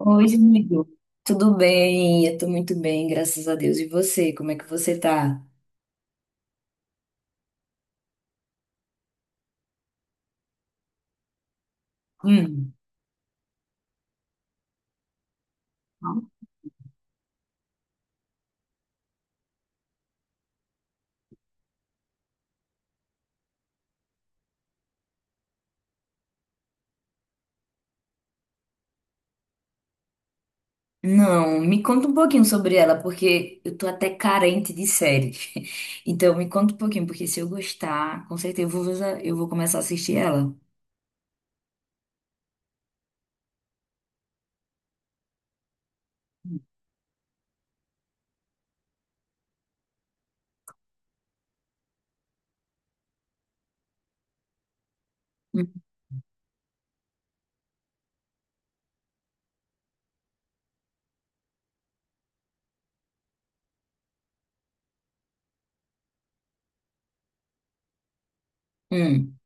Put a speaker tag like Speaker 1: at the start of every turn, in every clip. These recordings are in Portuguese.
Speaker 1: Oi, amigo. Tudo bem? Eu tô muito bem, graças a Deus. E você, como é que você tá? Hum. Não, me conta um pouquinho sobre ela, porque eu tô até carente de série. Então, me conta um pouquinho, porque se eu gostar, com certeza eu vou começar a assistir ela. Hum. Hum.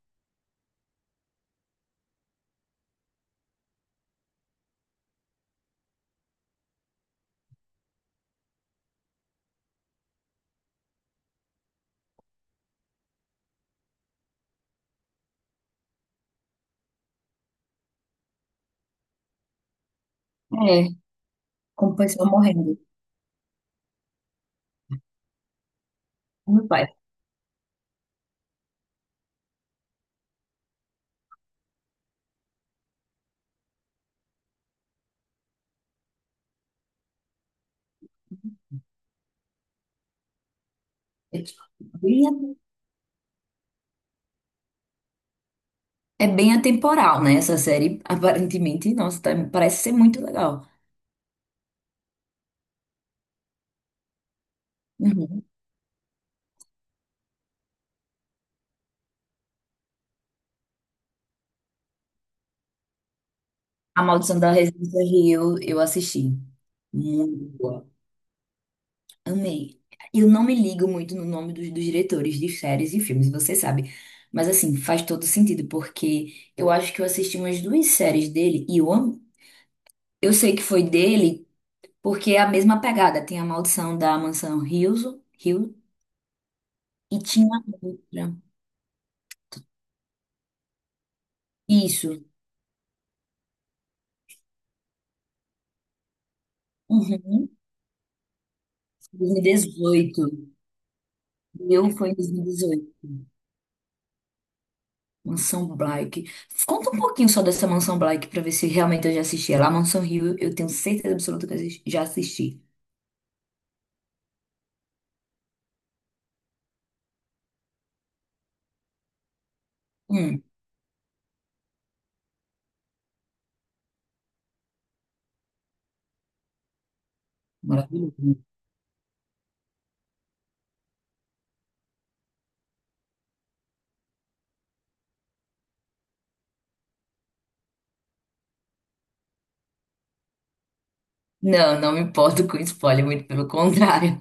Speaker 1: É, como pessoa morrendo. Meu pai. É bem é bem atemporal, né? Essa série, aparentemente, nossa, parece ser muito legal. Uhum. A Maldição da Residência Rio, eu assisti. Muito boa. Amei. Eu não me ligo muito no nome dos diretores de séries e filmes, você sabe. Mas assim, faz todo sentido, porque eu acho que eu assisti umas duas séries dele e eu amo. Eu sei que foi dele, porque é a mesma pegada. Tem a Maldição da Mansão Hill e tinha outra. Isso. Uhum. 2018. O meu foi em dois mil e dezoito. Mansão Blyck. Conta um pouquinho só dessa Mansão Blyck pra ver se realmente eu já assisti ela. A Mansão Rio, eu tenho certeza absoluta que eu já assisti. Hum, Maravilhoso. Não, não me importo com spoiler, muito pelo contrário.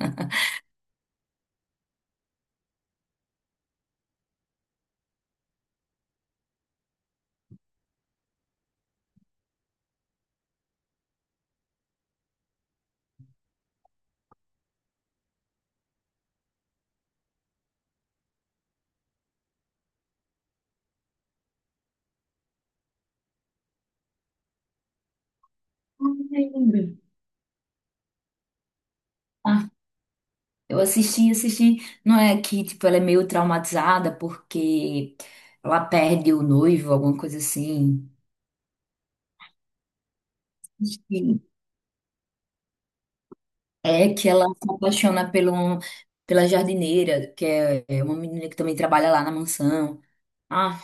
Speaker 1: Ai, lembra. Ah, eu assisti, assisti. Não é que, tipo, ela é meio traumatizada porque ela perde o noivo, alguma coisa assim. Sim. É que ela se apaixona pela jardineira, que é uma menina que também trabalha lá na mansão. Ah,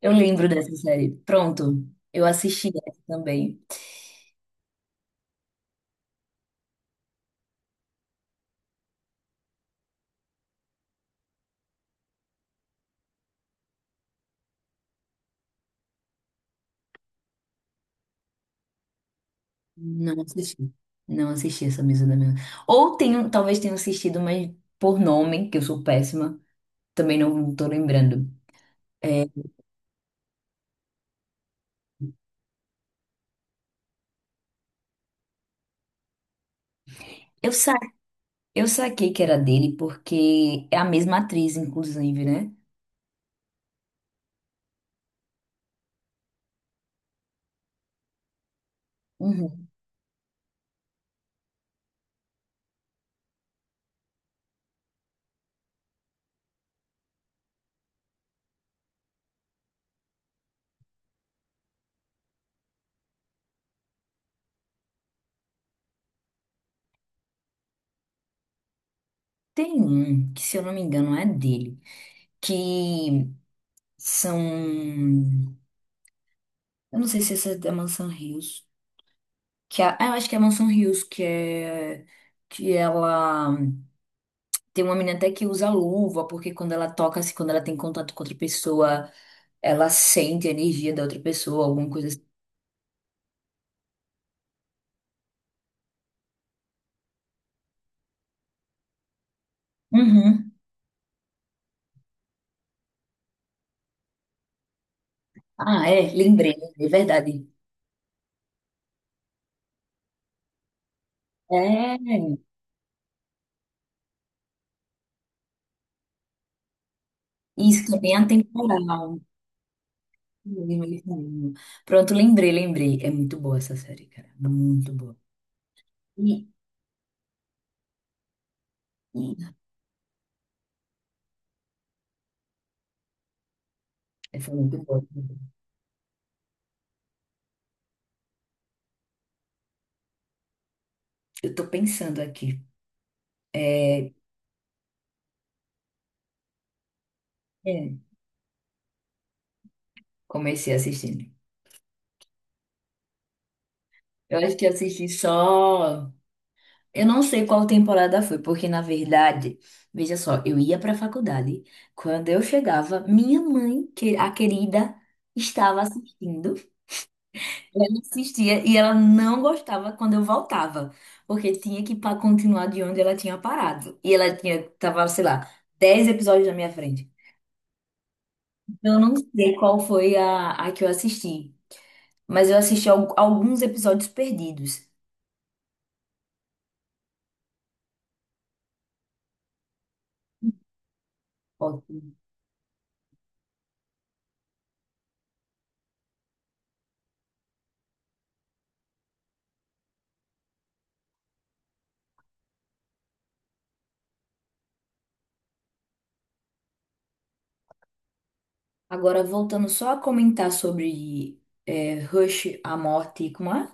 Speaker 1: eu lembro dessa série. Pronto, eu assisti essa também. Não assisti. Não assisti essa mesa da minha. Ou tenho, talvez tenha assistido, mas por nome, que eu sou péssima, também não tô lembrando. É, eu sa eu saquei que era dele porque é a mesma atriz, inclusive, né? Uhum. Tem um que, se eu não me engano, é dele, que são, eu não sei se essa é da Mansão Rios, ah, eu acho que é a Mansão Rios que é que ela tem uma menina até que usa luva, porque quando ela toca, assim, quando ela tem contato com outra pessoa, ela sente a energia da outra pessoa, alguma coisa assim. Uhum. Ah, é, lembrei, é verdade. É, isso também é atemporal. Pronto, lembrei, lembrei. É muito boa essa série, cara. Muito boa. E, e... é, Foi muito boa. Eu tô pensando aqui. É, é, Comecei assistindo. Eu acho que assisti só. Eu não sei qual temporada foi, porque na verdade, veja só, eu ia para a faculdade. Quando eu chegava, minha mãe, que a querida, estava assistindo. Ela assistia e ela não gostava quando eu voltava, porque tinha que continuar de onde ela tinha parado. E ela tava, sei lá, 10 episódios na minha frente. Então, eu não sei qual foi a, que eu assisti, mas eu assisti alguns episódios perdidos. OK? Agora, voltando só a comentar sobre Rush, a morte, como é?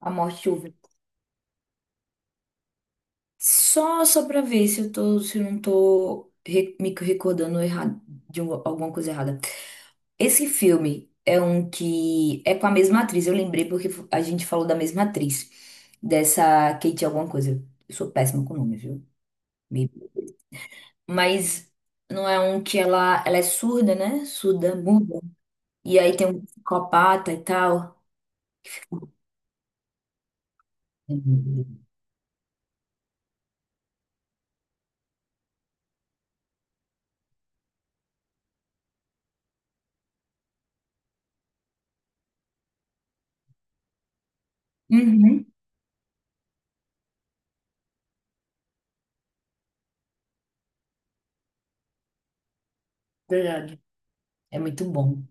Speaker 1: A morte chuva. Só pra ver se eu tô, se eu não tô me recordando errado, alguma coisa errada. Esse filme é um que é com a mesma atriz, eu lembrei porque a gente falou da mesma atriz, dessa Kate alguma coisa. Eu sou péssima com nome, viu? Me- Mas não é um que ela é surda, né? Surda, muda. E aí tem um psicopata e tal. Uhum. Verdade. É muito bom.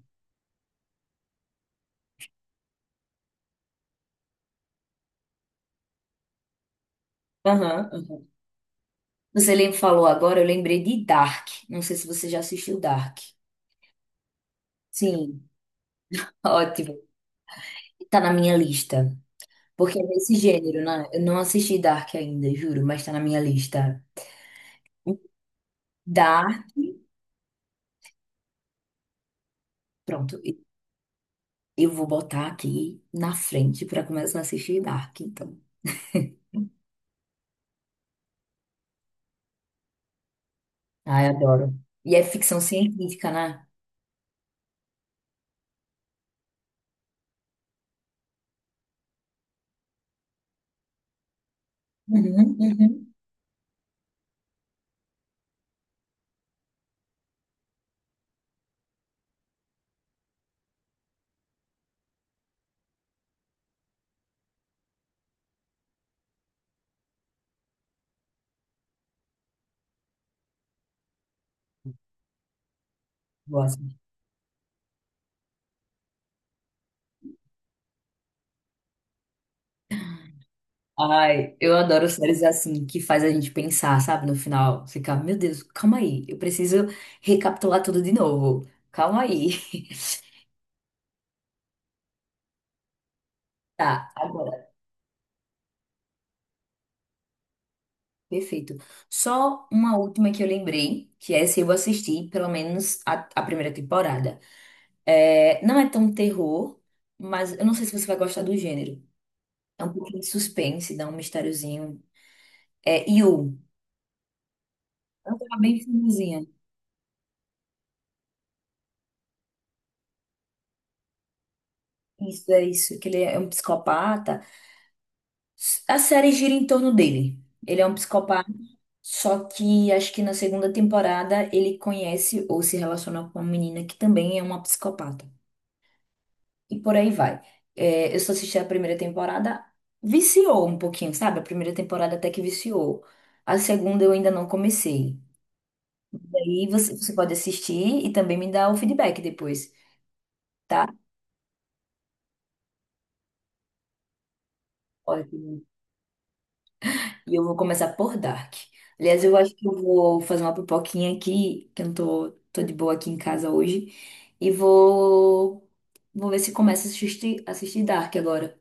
Speaker 1: Aham. Uhum. Você falou agora, eu lembrei de Dark. Não sei se você já assistiu Dark. Sim. Ótimo. Tá na minha lista. Porque é desse gênero, né? Eu não assisti Dark ainda, juro, mas tá na minha lista. Dark. Pronto, eu vou botar aqui na frente pra começar a assistir Dark, então. Ai, adoro. E é ficção científica, né? Uhum, uhum. Gosto. Ai, eu adoro séries assim, que faz a gente pensar, sabe? No final, ficar, meu Deus, calma aí, eu preciso recapitular tudo de novo. Calma aí. Tá, agora, perfeito. Só uma última que eu lembrei, que essa eu assisti, pelo menos a primeira temporada. É, não é tão terror, mas eu não sei se você vai gostar do gênero. É um pouquinho de suspense, dá um mistériozinho. É You. É uma bem famosinha. Isso, é isso. Que ele é um psicopata. A série gira em torno dele. Ele é um psicopata, só que acho que na segunda temporada ele conhece ou se relaciona com uma menina que também é uma psicopata. E por aí vai. É, eu só assisti a primeira temporada, viciou um pouquinho, sabe? A primeira temporada até que viciou. A segunda eu ainda não comecei. Daí você pode assistir e também me dar o feedback depois, tá? Ótimo. E eu vou começar por Dark. Aliás, eu acho que eu vou fazer uma pipoquinha aqui, que eu não tô, tô de boa aqui em casa hoje. E vou ver se começo a assistir Dark agora.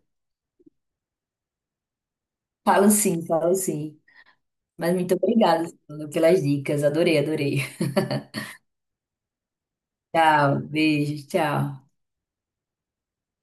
Speaker 1: Falo sim, falo sim. Mas muito obrigada Suzana, pelas dicas. Adorei, adorei. Tchau, beijo, tchau.